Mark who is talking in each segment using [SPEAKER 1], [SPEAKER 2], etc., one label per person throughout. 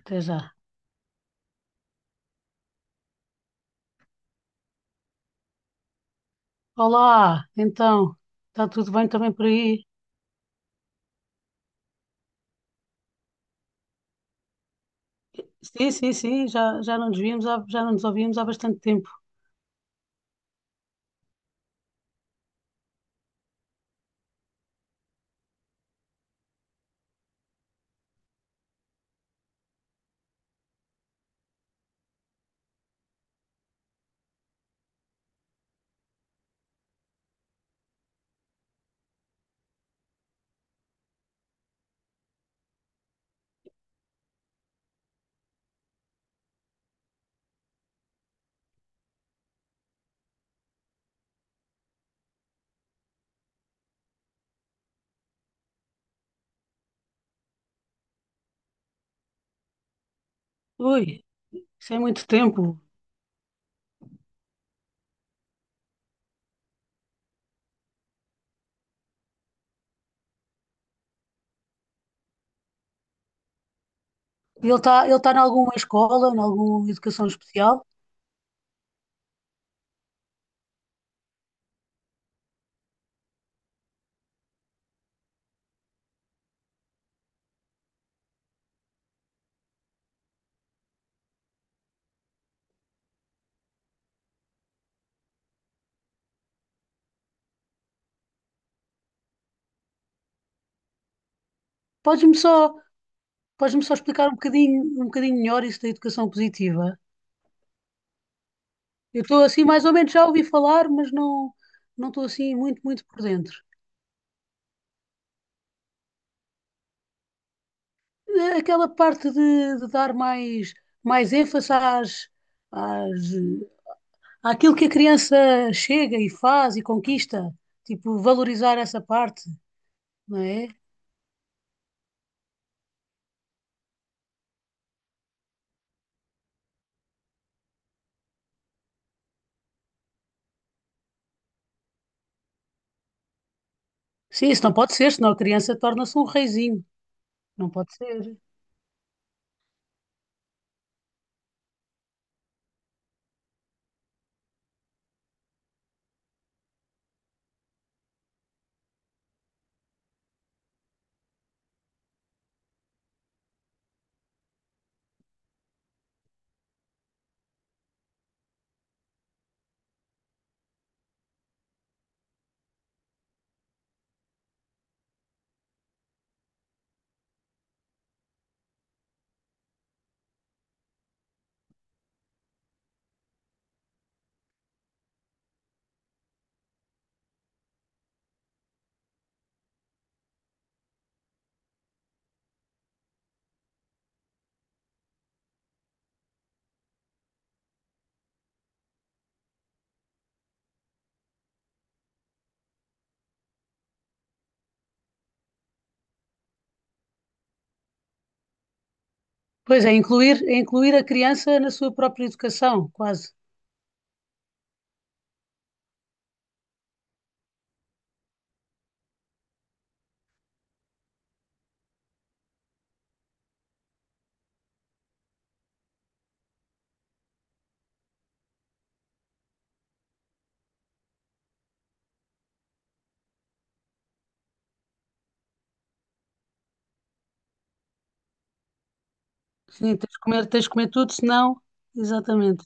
[SPEAKER 1] Até já. Olá, então, está tudo bem também por aí? Sim, sim, sim, já não nos víamos, já não nos ouvíamos há bastante tempo. Ui, isso é muito tempo. Ele tá em alguma escola, em alguma educação especial? Podes-me só, podes-me só explicar um bocadinho melhor isso da educação positiva? Eu estou assim, mais ou menos, já ouvi falar, mas não estou assim muito por dentro. Aquela parte de dar mais ênfase às, aquilo que a criança chega e faz e conquista, tipo, valorizar essa parte, não é? Sim, isso não pode ser, senão a criança torna-se um reizinho, não pode ser. Pois é, é incluir a criança na sua própria educação, quase. Sim, tens de comer tudo, senão, exatamente.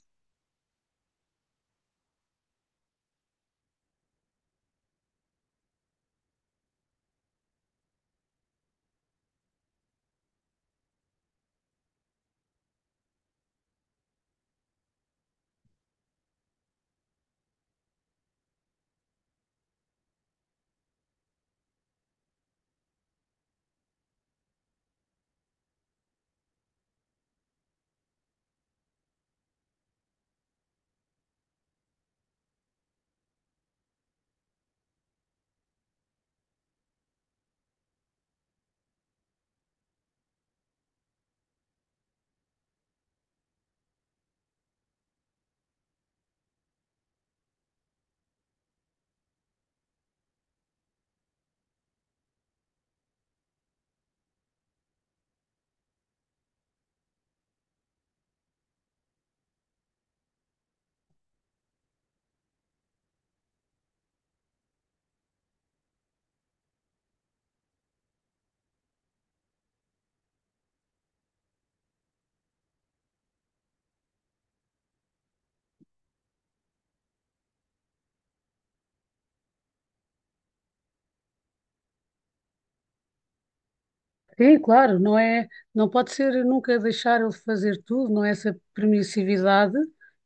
[SPEAKER 1] Sim, claro, não é, não pode ser nunca deixar ele fazer tudo, não é essa permissividade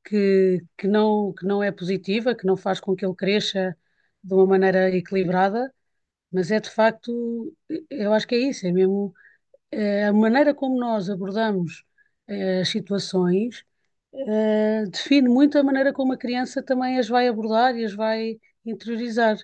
[SPEAKER 1] que não é positiva, que não faz com que ele cresça de uma maneira equilibrada. Mas é de facto, eu acho que é isso, é mesmo a maneira como nós abordamos as situações, define muito a maneira como a criança também as vai abordar e as vai interiorizar.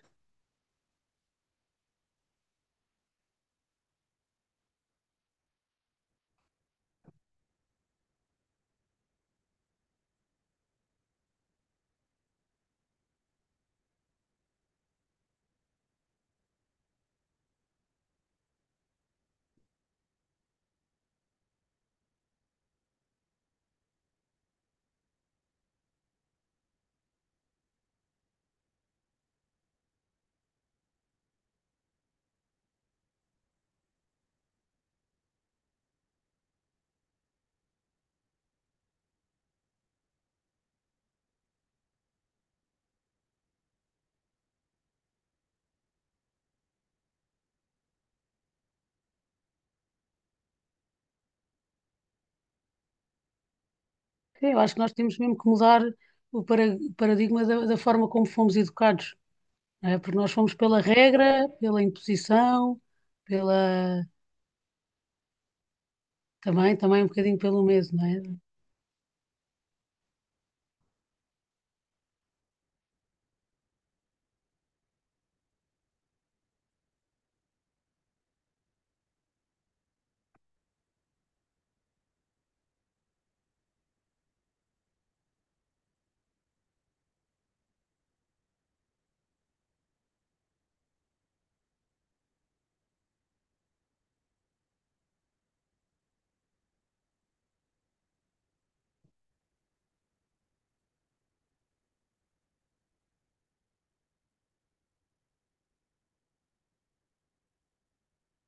[SPEAKER 1] Sim, eu acho que nós temos mesmo que mudar o paradigma da forma como fomos educados, não é? Porque nós fomos pela regra, pela imposição, pela também um bocadinho pelo medo, não é?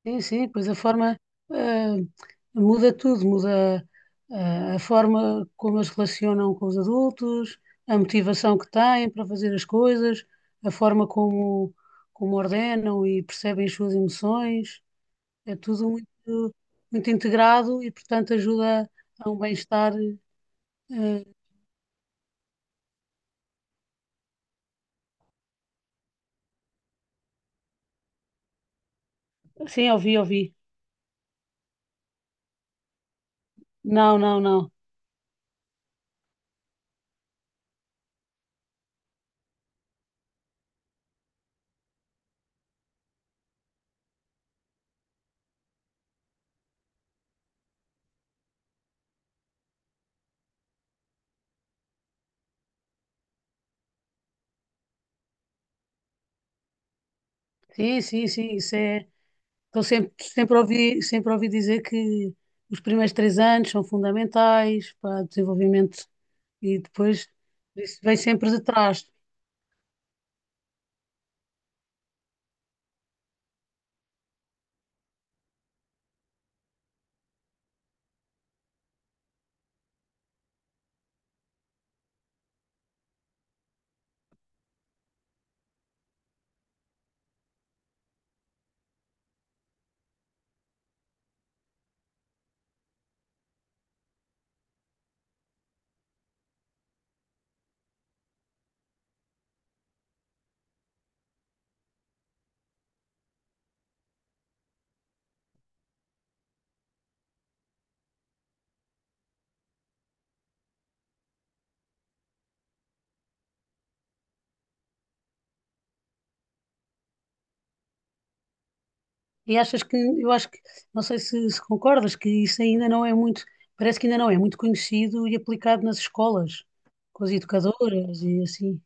[SPEAKER 1] Sim, sim, pois a forma eh, muda tudo, muda a forma como eles se relacionam com os adultos, a motivação que têm para fazer as coisas, a forma como, como ordenam e percebem as suas emoções, é tudo muito integrado e, portanto, ajuda a um bem-estar. eh, sim, ouvi, ouvi. Não, não, não. Sim, sim, sim, isso é. Então, sempre ouvi dizer que os primeiros 3 anos são fundamentais para o desenvolvimento, e depois isso vem sempre de trás. E achas que, eu acho que, não sei se concordas, que isso ainda não é muito, parece que ainda não é muito conhecido e aplicado nas escolas, com as educadoras e assim.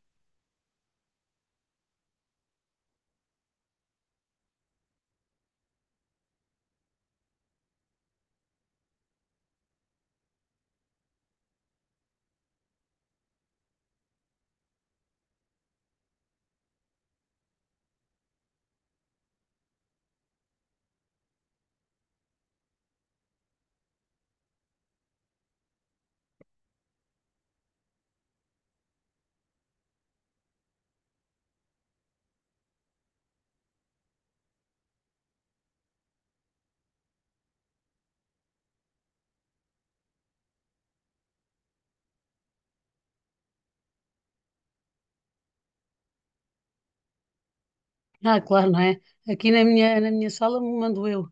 [SPEAKER 1] Ah, claro, não é? Aqui na minha sala me mando eu.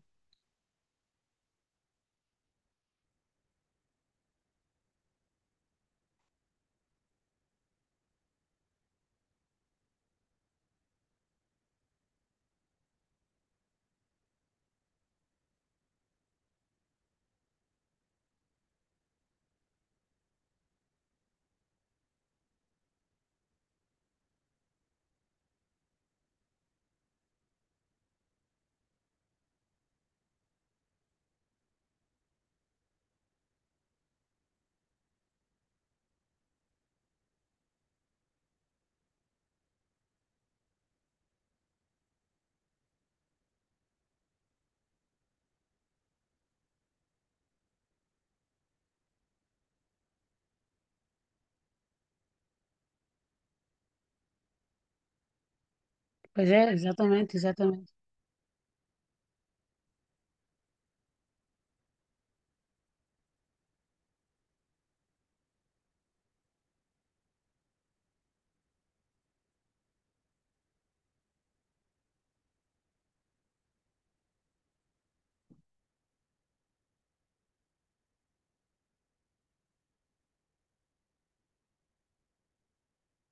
[SPEAKER 1] Pois é, exatamente, exatamente.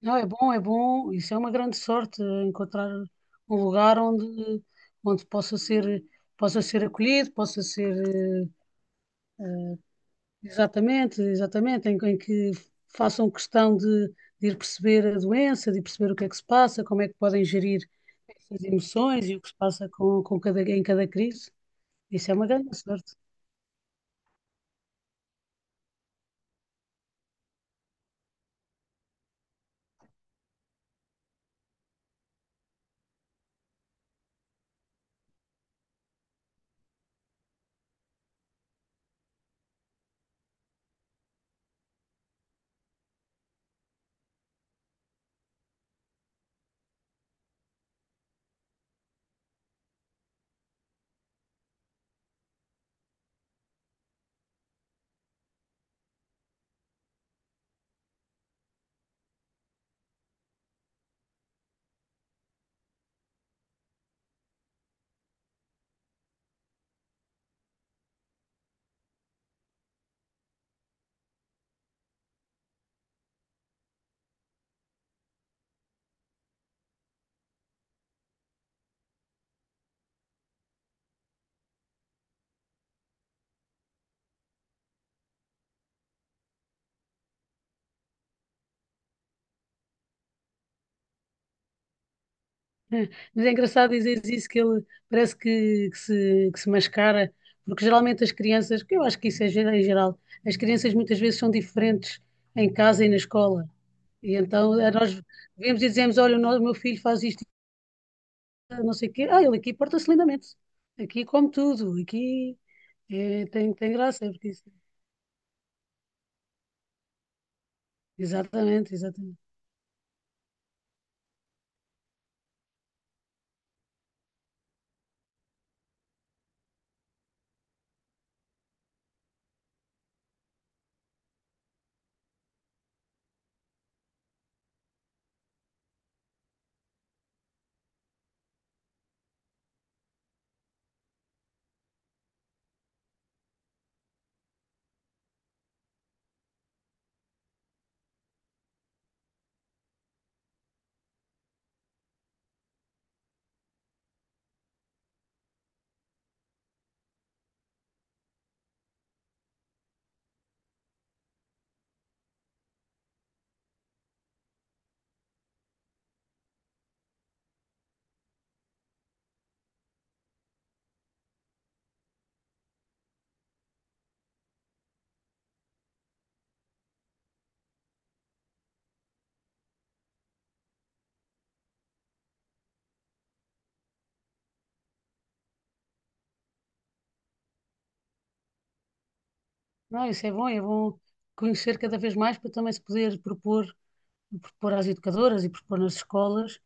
[SPEAKER 1] Não, é bom, é bom. Isso é uma grande sorte, encontrar um lugar onde, onde possa ser acolhido, possa ser, eh, exatamente, exatamente, em que façam questão de ir perceber a doença, de perceber o que é que se passa, como é que podem gerir essas emoções e o que se passa com cada, em cada crise. Isso é uma grande sorte. É, mas é engraçado dizeres isso, que ele parece que se mascara, porque geralmente as crianças, que eu acho que isso é geral, em geral, as crianças muitas vezes são diferentes em casa e na escola. E então nós vemos e dizemos: Olha, o no- o meu filho faz isto, não sei o quê. Ah, ele aqui porta-se lindamente. Aqui come tudo. Aqui tem graça. É porque exatamente, exatamente. Não, isso é bom conhecer cada vez mais para também se poder propor, propor às educadoras e propor nas escolas,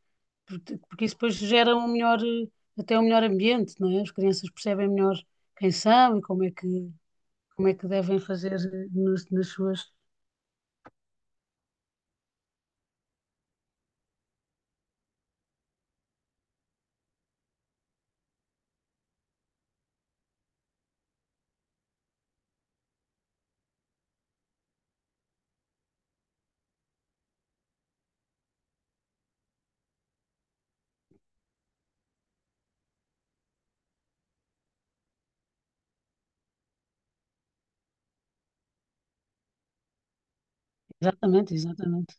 [SPEAKER 1] porque isso depois gera um melhor, até um melhor ambiente, não é? As crianças percebem melhor quem são e como é que devem fazer nas, nas suas. Exatamente, exatamente.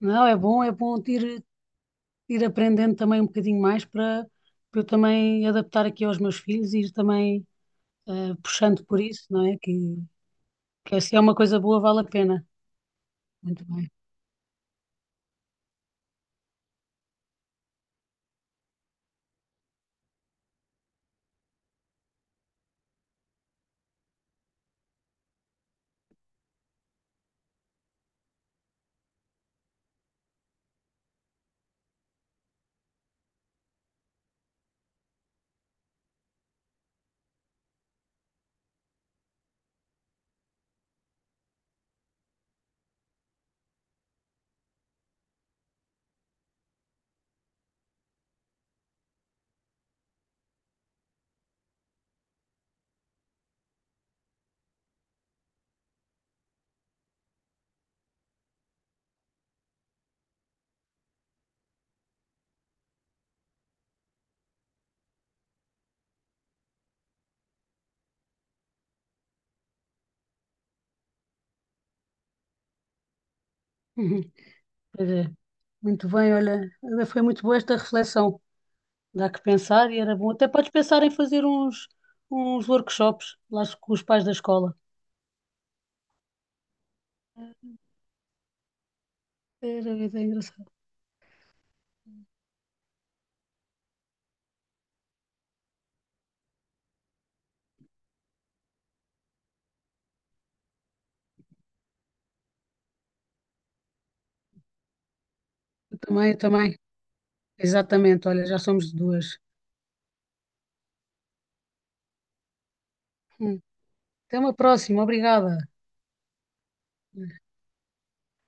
[SPEAKER 1] Não, é bom, ir aprendendo também um bocadinho mais para eu também adaptar aqui aos meus filhos e ir também puxando por isso, não é? Que é, se é uma coisa boa, vale a pena. Muito bem. Pois é. Muito bem, olha, foi muito boa esta reflexão. Dá que pensar e era bom. Até podes pensar em fazer uns workshops lá com os pais da escola. Era vida engraçada. Eu também, eu também. Exatamente, olha, já somos duas. Hum. Até uma próxima, obrigada.